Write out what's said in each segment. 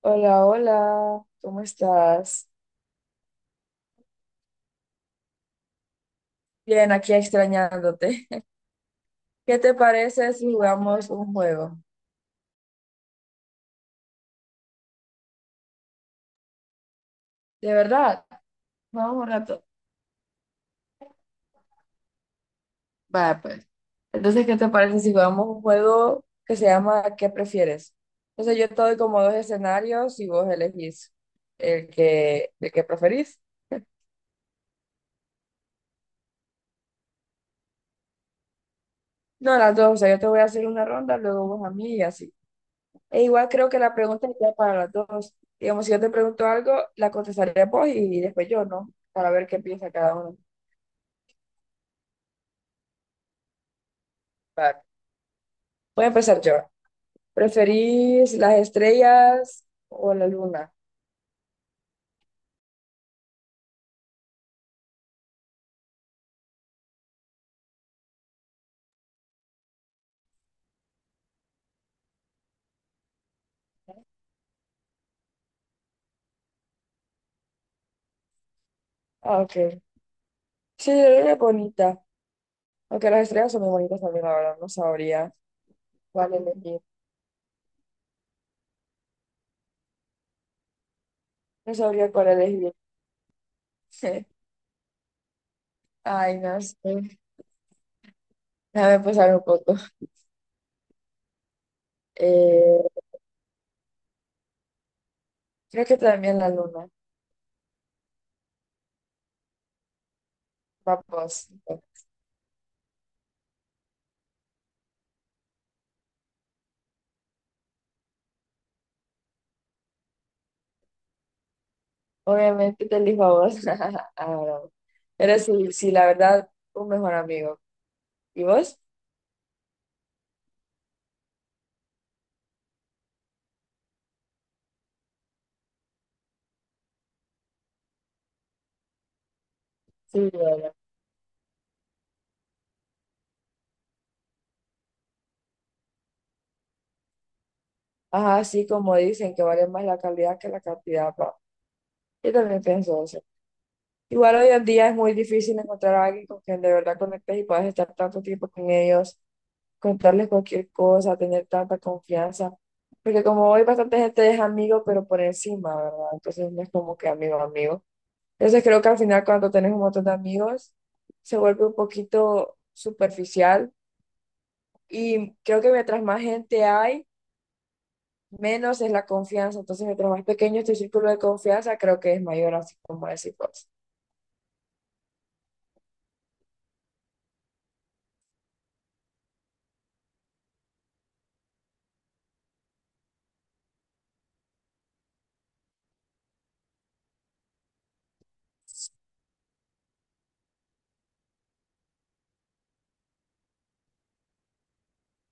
Hola, hola, ¿cómo estás? Bien, aquí extrañándote. ¿Qué te parece si jugamos un juego? De verdad, vamos un rato. Va, pues. Entonces, ¿qué te parece si jugamos un juego que se llama ¿Qué prefieres? Entonces, yo te doy como dos escenarios y vos elegís el que preferís. No, las dos, o sea, yo te voy a hacer una ronda, luego vos a mí y así. E igual creo que la pregunta iría para las dos. Digamos, si yo te pregunto algo, la contestaría vos y después yo, ¿no? Para ver qué piensa cada uno. Va, voy a empezar yo. ¿Preferís las estrellas o la luna? Ah, ok. Sí, la luna es bonita. Aunque las estrellas son muy bonitas también, la verdad. No sabría cuál elegir. No sabría cuál elegir. Ay, no sé. Déjame pensar un poco. Eh, creo que también la luna. Vamos. Obviamente te elijo a vos. Ah, bravo. Pero sí, sí, la verdad, un mejor amigo. ¿Y vos? Sí, bueno. Ajá, sí, como dicen, que vale más la calidad que la cantidad, pa. Yo también pienso eso. Igual hoy en día es muy difícil encontrar a alguien con quien de verdad conectes y puedas estar tanto tiempo con ellos, contarles cualquier cosa, tener tanta confianza. Porque como hoy bastante gente es amigo, pero por encima, ¿verdad? Entonces no es como que amigo, amigo. Entonces creo que al final cuando tenés un montón de amigos se vuelve un poquito superficial y creo que mientras más gente hay, menos es la confianza. Entonces mientras más pequeño es tu círculo de confianza, creo que es mayor, así como decís vos.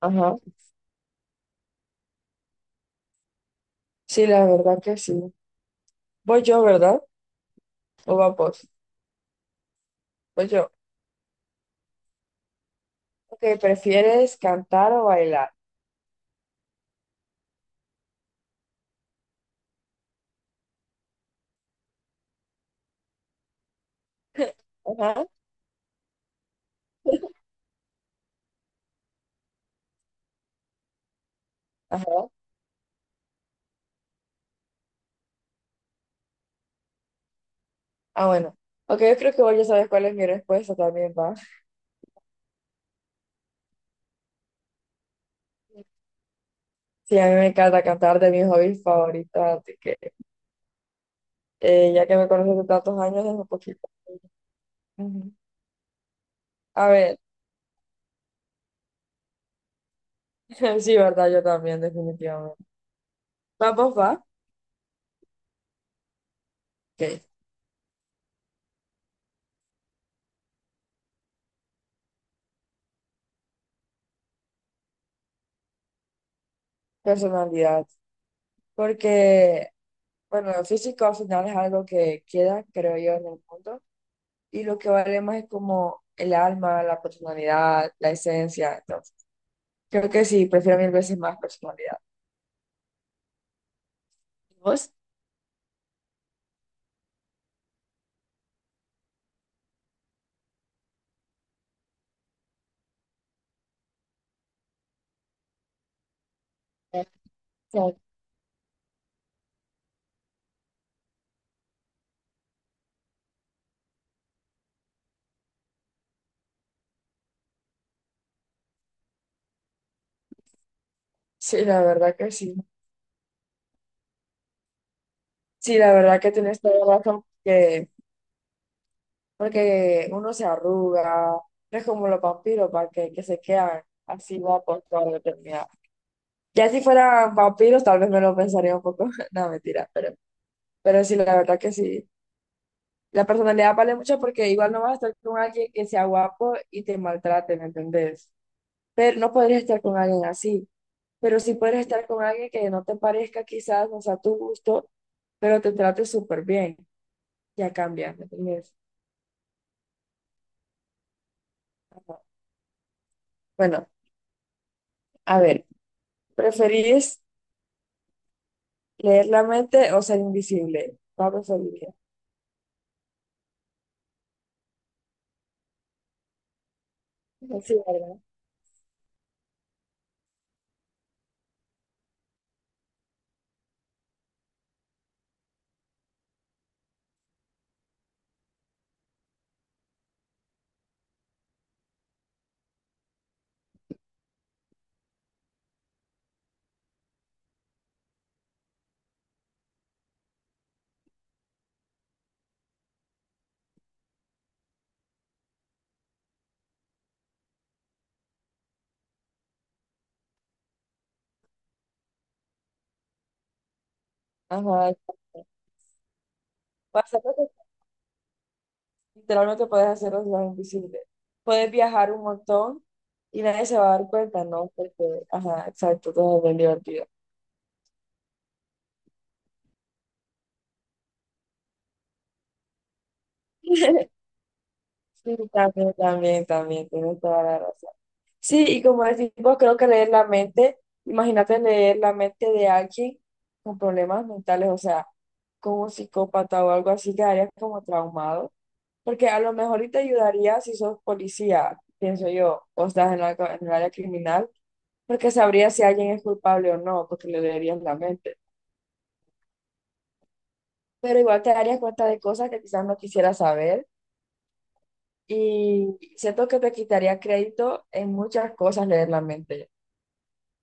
Ajá. Sí, la verdad que sí. Voy yo, ¿verdad? ¿O va vos? Voy yo. Ok, ¿prefieres cantar o bailar? Ajá, ajá. Ah, bueno. Ok, yo creo que vos ya sabes cuál es mi respuesta también, va. Sí, a mí me encanta cantar de mis hobbies favoritos, así que... ya que me conoces de tantos años, es un poquito. Ujú. A ver, sí, verdad, yo también, definitivamente. Vamos, va. Ok. Personalidad. Porque, bueno, el físico al final es algo que queda, creo yo, en el mundo. Y lo que vale más es como el alma, la personalidad, la esencia. Entonces, creo que sí, prefiero mil veces más personalidad. ¿Vos? Sí, la verdad que sí. Sí, la verdad que tienes toda la razón. Que porque uno se arruga, no es como los vampiros para que se quedan así guapos toda la eternidad. Ya si fueran vampiros, tal vez me lo pensaría un poco, no, mentira, pero sí, la verdad que sí. La personalidad vale mucho porque igual no vas a estar con alguien que sea guapo y te maltrate, ¿me entendés? Pero no podrías estar con alguien así, pero sí podrías estar con alguien que no te parezca quizás, no sea tu gusto, pero te trate súper bien. Ya cambia, ¿me entendés? Ajá. Bueno, a ver, ¿preferís leer la mente o ser invisible? Pablo Solía. Sí, ¿verdad? Ajá, exacto. Pasa lo que literalmente puedes hacer los dos invisibles. Puedes viajar un montón y nadie se va a dar cuenta, ¿no? Porque, ajá, exacto, todo es bien divertido. Sí, también, también, también, tienes toda la razón. Sí, y como decimos, creo que leer la mente, imagínate leer la mente de alguien con problemas mentales, o sea, como un psicópata o algo así, quedarías como traumado. Porque a lo mejor y te ayudaría si sos policía, pienso yo, o estás en el área criminal, porque sabrías si alguien es culpable o no, porque le leerías la mente. Pero igual te darías cuenta de cosas que quizás no quisieras saber y siento que te quitaría crédito en muchas cosas leer la mente,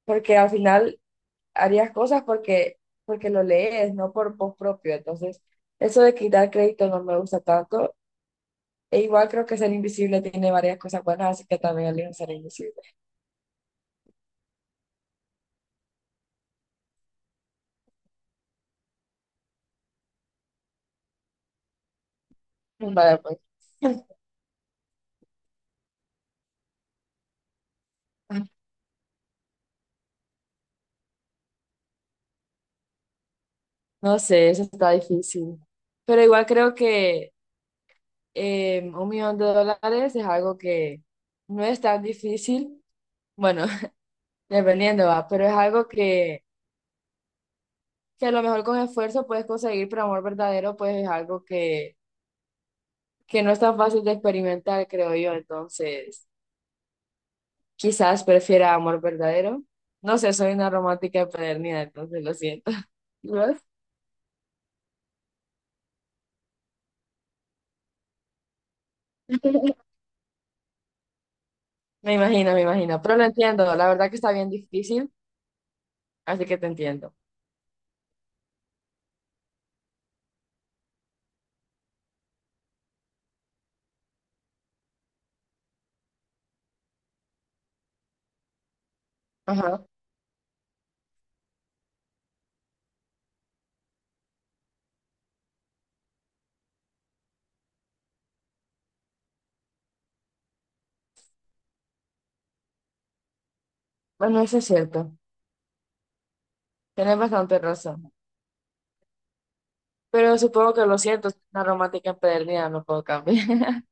porque al final harías cosas porque lo lees, no por vos propio. Entonces, eso de quitar crédito no me gusta tanto. E igual creo que ser invisible tiene varias cosas buenas, así que también elijo ser invisible. Vale, pues. No sé, eso está difícil. Pero igual creo que un millón de dólares es algo que no es tan difícil. Bueno, dependiendo, va, pero es algo que a lo mejor con esfuerzo puedes conseguir, pero amor verdadero, pues es algo que no es tan fácil de experimentar, creo yo. Entonces, quizás prefiera amor verdadero. No sé, soy una romántica empedernida, entonces lo siento. ¿Y vos? Me imagino, pero lo entiendo. La verdad que está bien difícil, así que te entiendo. Ajá. Bueno, eso es cierto. Tienes bastante razón. Pero supongo que lo siento, es una romántica empedernida, no puedo cambiar.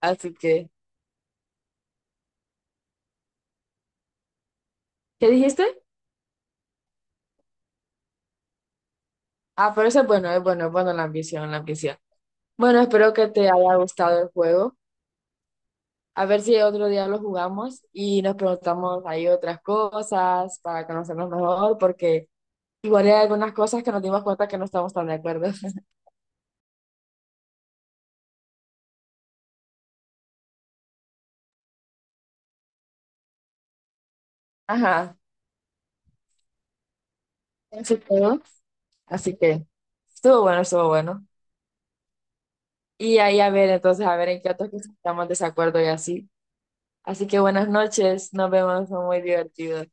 Así que, ¿qué dijiste? Ah, pero eso es bueno, es bueno, es bueno la ambición, la ambición. Bueno, espero que te haya gustado el juego. A ver si otro día lo jugamos y nos preguntamos ahí otras cosas para conocernos mejor, porque igual hay algunas cosas que nos dimos cuenta que no estamos tan de acuerdo. Ajá, eso es todo. Así que, estuvo bueno, estuvo bueno. Y ahí a ver, entonces, a ver en qué otros que estamos de desacuerdo y así. Así que buenas noches, nos vemos, fue muy divertido.